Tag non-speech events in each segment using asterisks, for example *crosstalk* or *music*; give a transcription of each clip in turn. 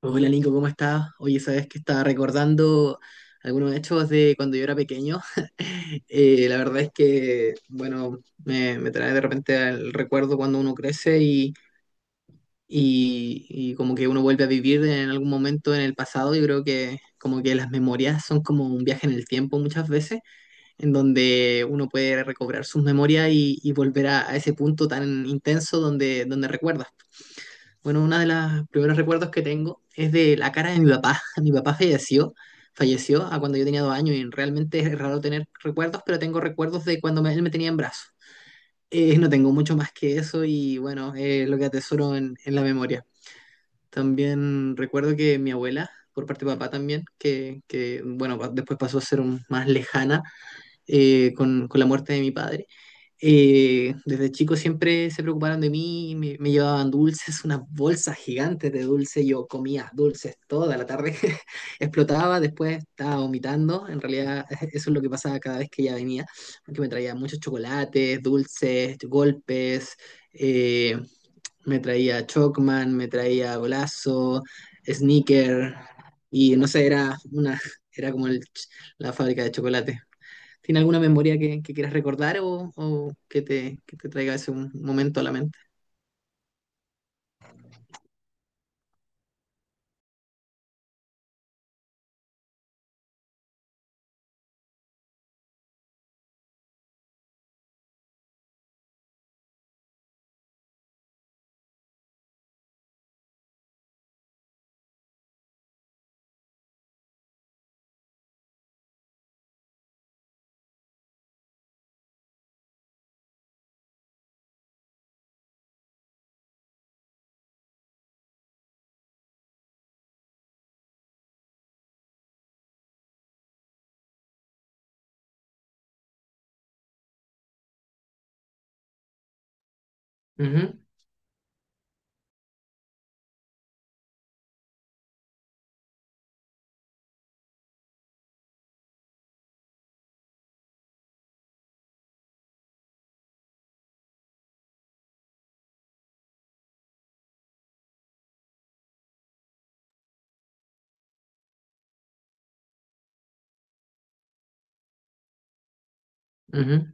Hola Nico, ¿cómo estás? Oye, sabes que estaba recordando algunos hechos de cuando yo era pequeño. *laughs* La verdad es que, bueno, me trae de repente el recuerdo cuando uno crece y como que uno vuelve a vivir en algún momento en el pasado. Yo creo que como que las memorias son como un viaje en el tiempo muchas veces, en donde uno puede recobrar sus memorias y volver a ese punto tan intenso donde recuerdas. Bueno, uno de los primeros recuerdos que tengo es de la cara de mi papá. *laughs* Mi papá falleció, falleció a cuando yo tenía dos años y realmente es raro tener recuerdos, pero tengo recuerdos de él me tenía en brazos. No tengo mucho más que eso y bueno, lo que atesoro en la memoria. También recuerdo que mi abuela, por parte de papá también, que bueno, después pasó a ser más lejana, con la muerte de mi padre. Desde chico siempre se preocuparon de mí, me llevaban dulces, unas bolsas gigantes de dulce, yo comía dulces toda la tarde, *laughs* explotaba, después estaba vomitando, en realidad *laughs* eso es lo que pasaba cada vez que ella venía, porque me traía muchos chocolates, dulces, golpes, eh, me traía Chocman, me traía Golazo, Sneaker, y no sé, era una, *laughs* era como la fábrica de chocolate. ¿Tiene alguna memoria que quieras recordar o que te traiga ese un momento a la mente? Ujú, ujú.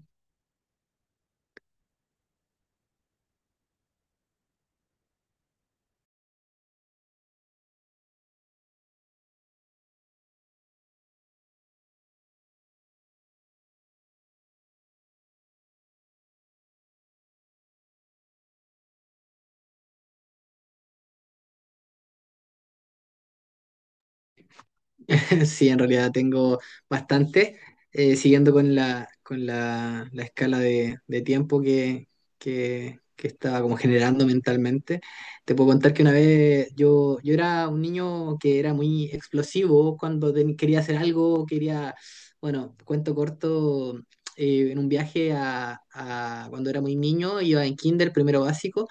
*laughs* Sí, en realidad tengo bastante, siguiendo con la escala de tiempo que estaba como generando mentalmente. Te puedo contar que una vez yo era un niño que era muy explosivo cuando quería hacer algo, quería, bueno, cuento corto, en un viaje cuando era muy niño, iba en kinder, primero básico,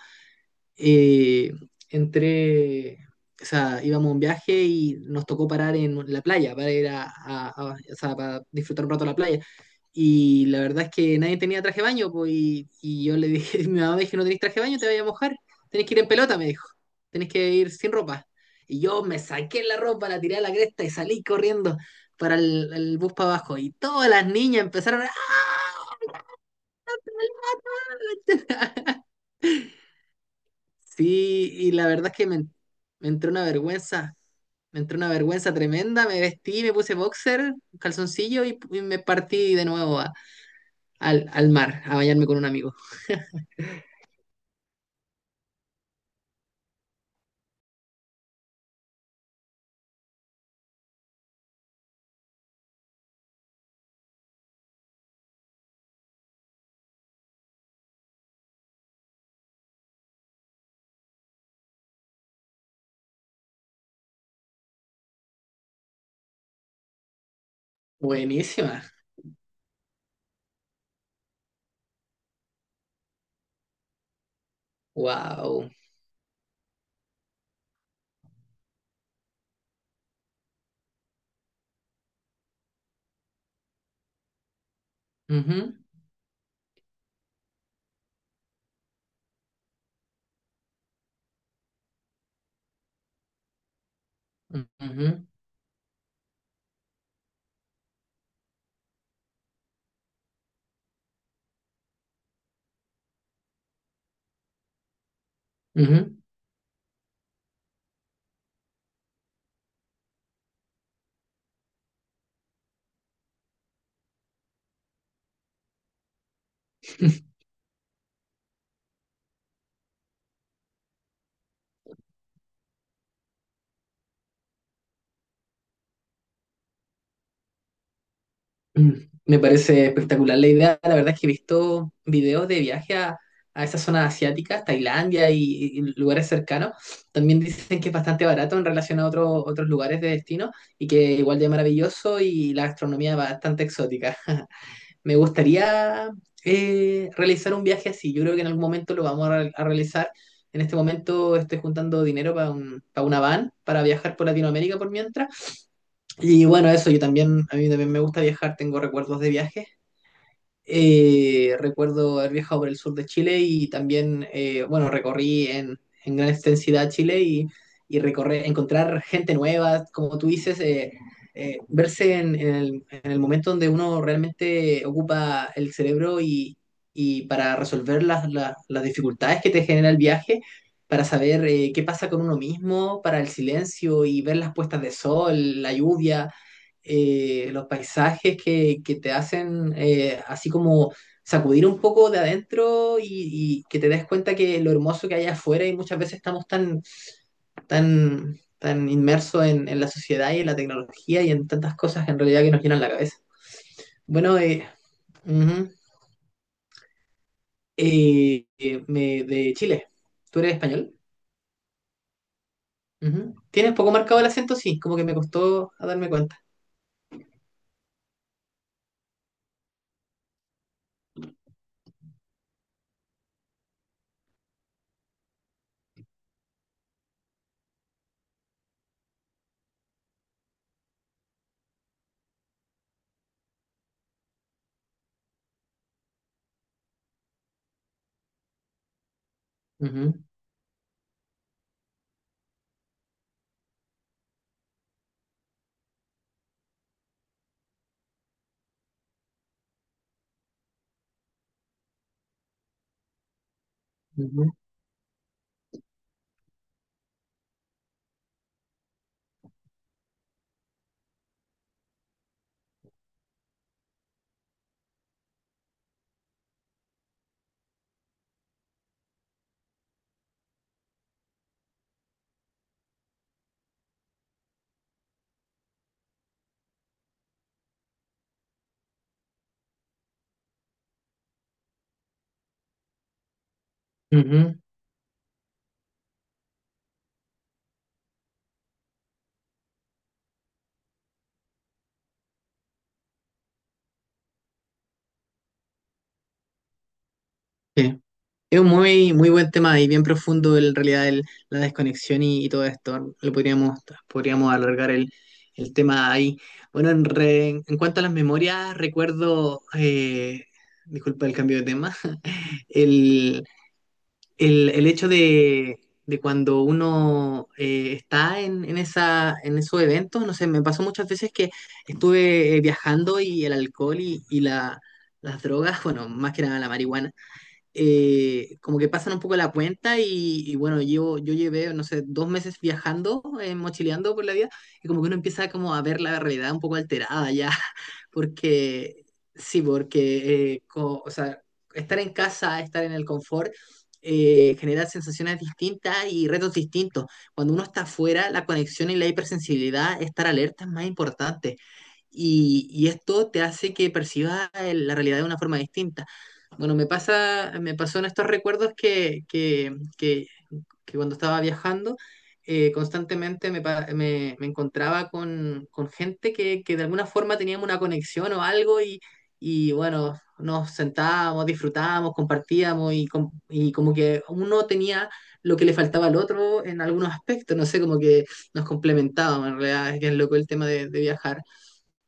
eh, entré, o sea, íbamos a un viaje y nos tocó parar en la playa para ir o sea, para disfrutar un rato la playa. Y la verdad es que nadie tenía traje de baño, pues, y yo le dije, *laughs* mi mamá me dijo, no tenés traje de baño, te vayas a mojar, tenés que ir en pelota, me dijo, tenés que ir sin ropa. Y yo me saqué la ropa, la tiré a la cresta y salí corriendo para el bus para abajo. Y todas las niñas empezaron a... *laughs* Sí, y la verdad es que me entró una vergüenza, me entró una vergüenza tremenda, me vestí, me puse boxer, calzoncillo y me partí de nuevo al, al mar a bañarme con un amigo. Buenísima, wow. Ujú, ujú, ujú. *laughs* Mm, me parece espectacular la idea. La verdad es que he visto videos de viaje a esas zonas asiáticas, Tailandia y lugares cercanos. También dicen que es bastante barato en relación a otros lugares de destino y que igual de maravilloso y la gastronomía bastante exótica. *laughs* Me gustaría realizar un viaje así. Yo creo que en algún momento lo vamos a realizar. En este momento estoy juntando dinero para para una van para viajar por Latinoamérica por mientras. Y bueno, eso, yo también, a mí también me gusta viajar, tengo recuerdos de viajes. Recuerdo haber viajado por el sur de Chile y también, bueno, recorrí en gran extensidad Chile y recorrer, encontrar gente nueva, como tú dices, verse en el momento donde uno realmente ocupa el cerebro y para resolver las dificultades que te genera el viaje, para saber qué pasa con uno mismo, para el silencio y ver las puestas de sol, la lluvia, los paisajes que te hacen, así como sacudir un poco de adentro, y que te des cuenta que lo hermoso que hay afuera, y muchas veces estamos tan inmersos en la sociedad y en la tecnología y en tantas cosas en realidad que nos llenan la cabeza. Bueno, ujú, de Chile, ¿tú eres español? Ujú. ¿Tienes poco marcado el acento? Sí, como que me costó a darme cuenta. Ujú, ujú, ujú. Sí. Es un muy, muy buen tema y bien profundo en realidad la desconexión y todo esto. Lo podríamos, podríamos alargar el tema ahí. Bueno, en cuanto a las memorias, recuerdo, disculpa el cambio de tema, *laughs* el, el hecho de cuando uno está en esa, en esos eventos, no sé, me pasó muchas veces que estuve viajando y el alcohol las drogas, *laughs* bueno, más que nada la marihuana, como que pasan un poco la cuenta y bueno, yo llevé, no sé, dos meses viajando, mochileando por la vida, y como que uno empieza como a ver la realidad un poco alterada ya, *laughs* porque sí, porque, o sea, estar en casa, estar en el confort, genera sensaciones distintas y retos distintos. Cuando uno está afuera, la conexión y la hipersensibilidad, estar alerta es más importante. Y esto te hace que percibas la realidad de una forma distinta. Bueno, me pasa, me pasó en estos recuerdos que cuando estaba viajando, constantemente me encontraba con gente que de alguna forma teníamos una conexión o algo y bueno, nos sentábamos, disfrutábamos, compartíamos y como que uno tenía lo que le faltaba al otro en algunos aspectos, no sé, como que nos complementábamos en realidad, es que es loco el tema de viajar.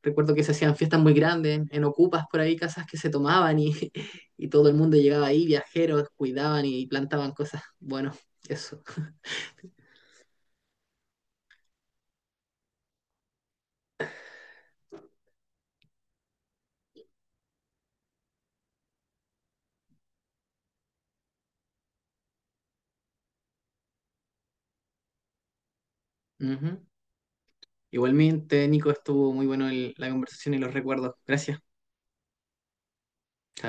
Recuerdo que se hacían fiestas muy grandes, en ocupas por ahí, casas que se tomaban y, *laughs* y todo el mundo llegaba ahí, viajeros, cuidaban y plantaban cosas. Bueno, eso. Ujú. Igualmente, Nico, estuvo muy bueno la conversación y los recuerdos. Gracias. Chao.